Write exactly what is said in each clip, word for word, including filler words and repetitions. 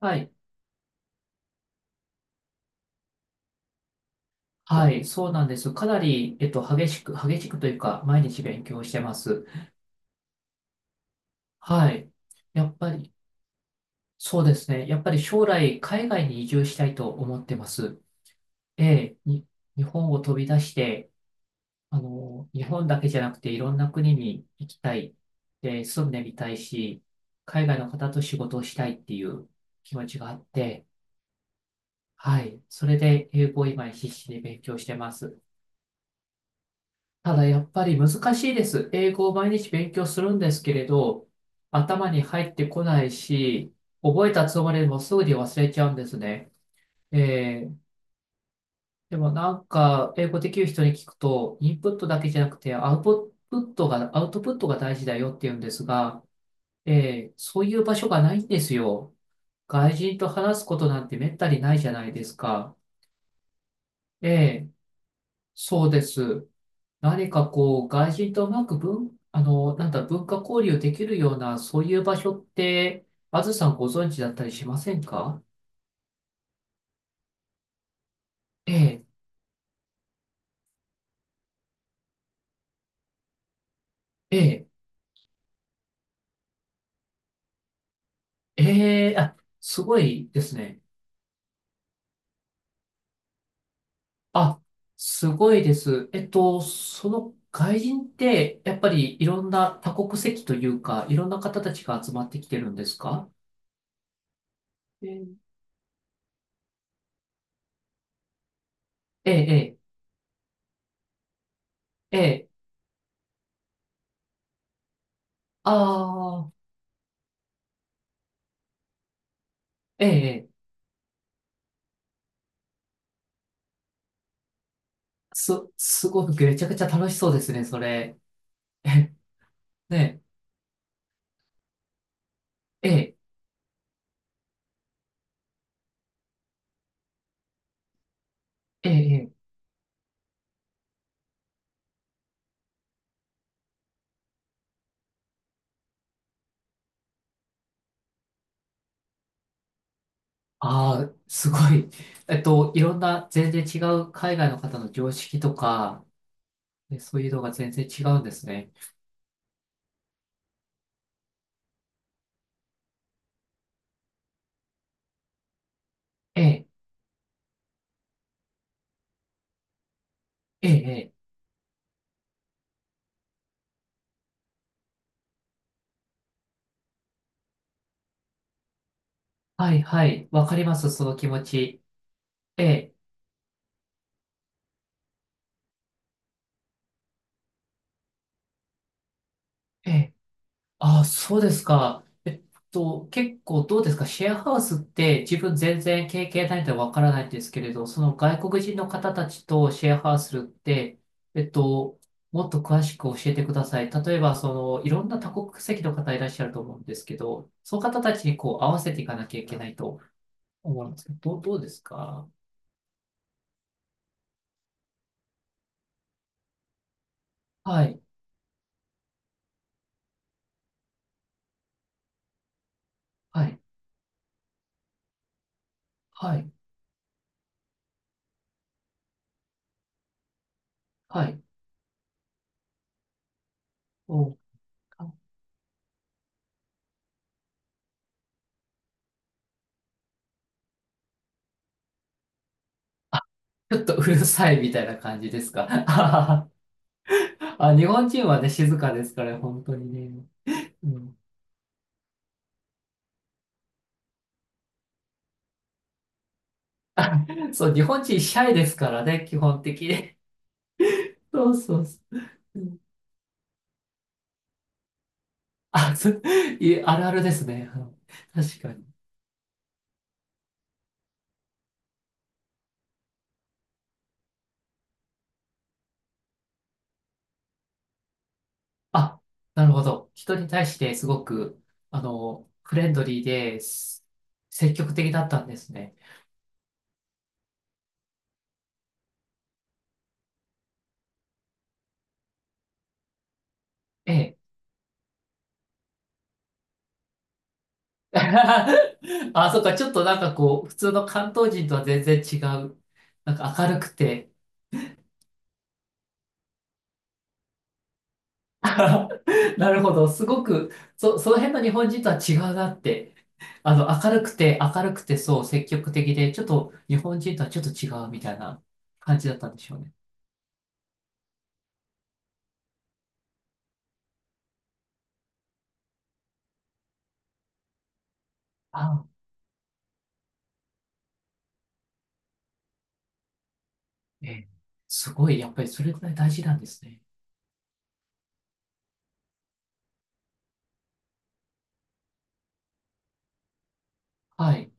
はい。はい。そうなんです。かなり、えっと、激しく、激しくというか、毎日勉強してます。はい。やっぱり、そうですね。やっぱり将来、海外に移住したいと思ってます。ええ、に、日本を飛び出して、あの、日本だけじゃなくて、いろんな国に行きたい。で、住んでみたいし、海外の方と仕事をしたいっていう気持ちがあって、はい。それで、英語を今必死で勉強してます。ただやっぱり難しいです。英語を毎日勉強するんですけれど、頭に入ってこないし、覚えたつもりでもすぐに忘れちゃうんですね。えーでもなんか、英語できる人に聞くと、インプットだけじゃなくて、アウトプットが、アウトプットが大事だよって言うんですが、えーそういう場所がないんですよ。外人と話すことなんてめったにないじゃないですか。ええ、そうです。何かこう、外人とうまく文、あの、なんだ、文化交流できるような、そういう場所って、あずさんご存知だったりしませんか？ええ、ええ、ええ、あ、すごいですね。あ、すごいです。えっと、その外人って、やっぱりいろんな多国籍というか、いろんな方たちが集まってきてるんですか？ええ、ええ、ええ、ああ、ええ、す、すごくめちゃくちゃ楽しそうですね、それ。え、ねえ、ええ、ええ、ええ、ああ、すごい。えっと、いろんな全然違う海外の方の常識とか、えそういうのが全然違うんですね。ええ、ええ、ええ、はい、はい。わかります、その気持ち。ええ、ええ。あ、そうですか。えっと、結構どうですか？シェアハウスって自分全然経験ないのでわからないんですけれど、その外国人の方たちとシェアハウスするって、えっと、もっと詳しく教えてください。例えば、その、いろんな多国籍の方いらっしゃると思うんですけど、その方たちにこう合わせていかなきゃいけないと思うんですけど、どう、どうですか？はい、はい、はい、はい。お、あ、ちょっとうるさいみたいな感じですか？はは あ、日本人はね、静かですから、本当にね。うん。あ、そう、日本人シャイですからね、基本的に。そうそうそう。うん、あ、そう、いあるあるですね。あの確かに。あ、なるほど。人に対してすごく、あの、フレンドリーです、積極的だったんですね。ええ。あ、そっか、ちょっとなんかこう、普通の関東人とは全然違う。なんか明るくて、なるほど。すごく、そ、その辺の日本人とは違うなって。あの、明るくて、明るくて、そう、積極的で、ちょっと日本人とはちょっと違うみたいな感じだったんでしょうね。あ、ええ、すごい、やっぱりそれくらい大事なんですね。はい。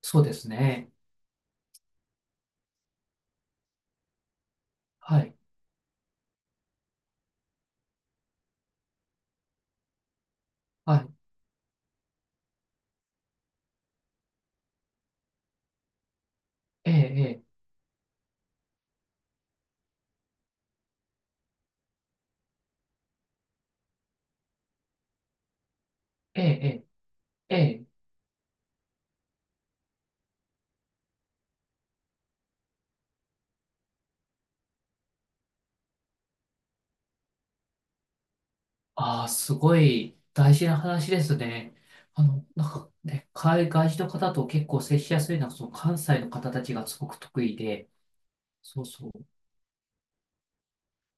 そうですね。はい。はい。ええ、ええ、ええ、ええ。ええ、ああ、すごい大事な話ですね。あの、なんかね、海外人の方と結構接しやすいのは、その関西の方たちがすごく得意で、そうそう。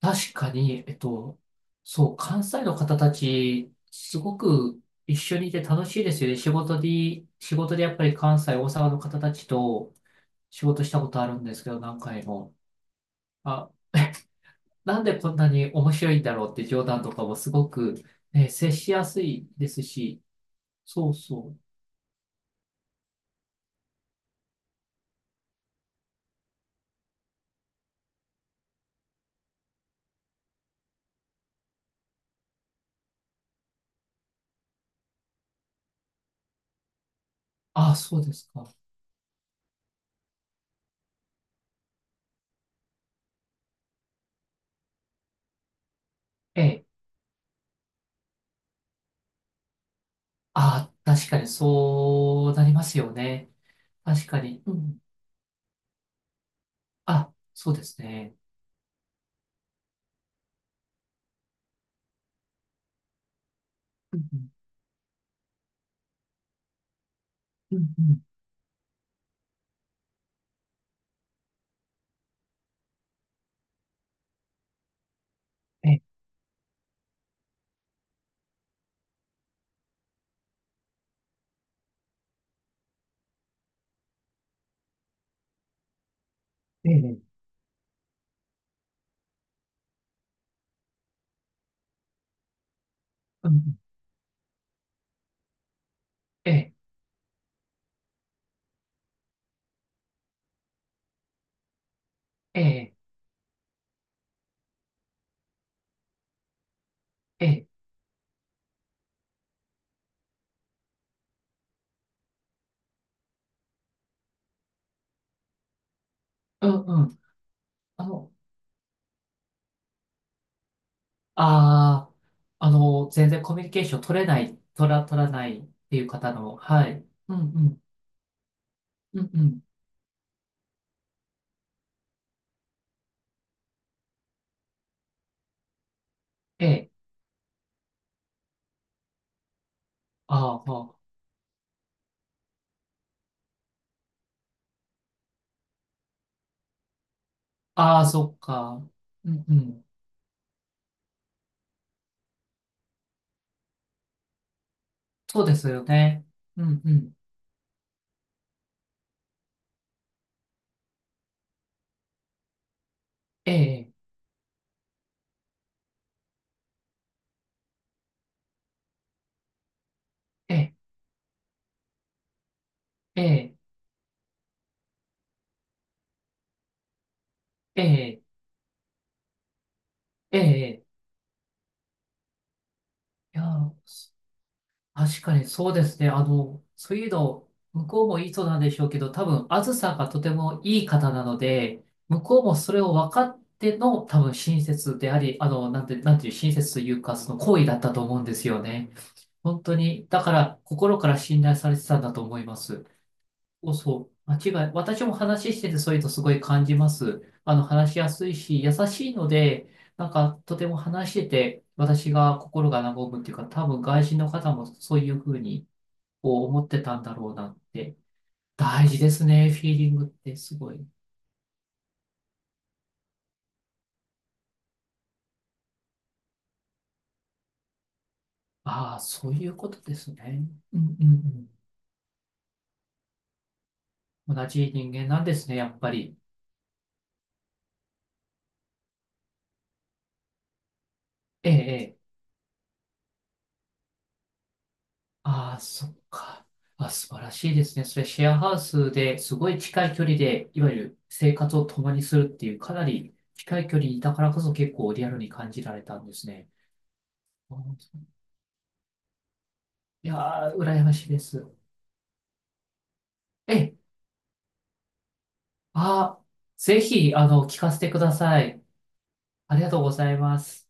確かに、えっと、そう、関西の方たち、すごく一緒にいて楽しいですよね。仕事で、仕事でやっぱり関西、大阪の方たちと仕事したことあるんですけど、何回も。あ、なんでこんなに面白いんだろうって冗談とかもすごく、ね、接しやすいですし、そうそう。あ、そうですか。ええ。あ、確かにそうなりますよね。確かに。うん。あ、そうですね。うんうんうんうん。ええ、ええ、うん、ええ、ええ、ええ、うん、うん。あの、ああ、あの、全然コミュニケーション取れない、取ら、取らないっていう方の、はい。うん、うん、うん、うん。ええ、あーまあ、ああ、ああそっか。うん、うん。そうですよね。うん、うん。ええ、ええ、ええ、ええ、ええ。いやー、確かにそうですね。あの、そういうの、向こうもいい人なんでしょうけど、多分、あずさがとてもいい方なので、向こうもそれを分かっての、多分、親切であり、あの、なんて、なんていう、親切というか、その行為だったと思うんですよね。本当に、だから、心から信頼されてたんだと思います。そうそう、間違い、私も話してて、そういうのすごい感じます。あの、話しやすいし、優しいので、なんか、とても話してて、私が心が和むっていうか、多分、外人の方もそういうふうに、こう思ってたんだろうなって。大事ですね、フィーリングってすごい。ああ、そういうことですね。うんうんうん。同じ人間なんですね、やっぱり。ええ、ええ。ああ、そっか。あ、素晴らしいですね。それシェアハウスですごい近い距離で、いわゆる生活を共にするっていう、かなり近い距離だからこそ結構リアルに感じられたんですね。あーそう、いやー、羨ましいです。ええ、ああ、ぜひ、あの、聞かせてください。ありがとうございます。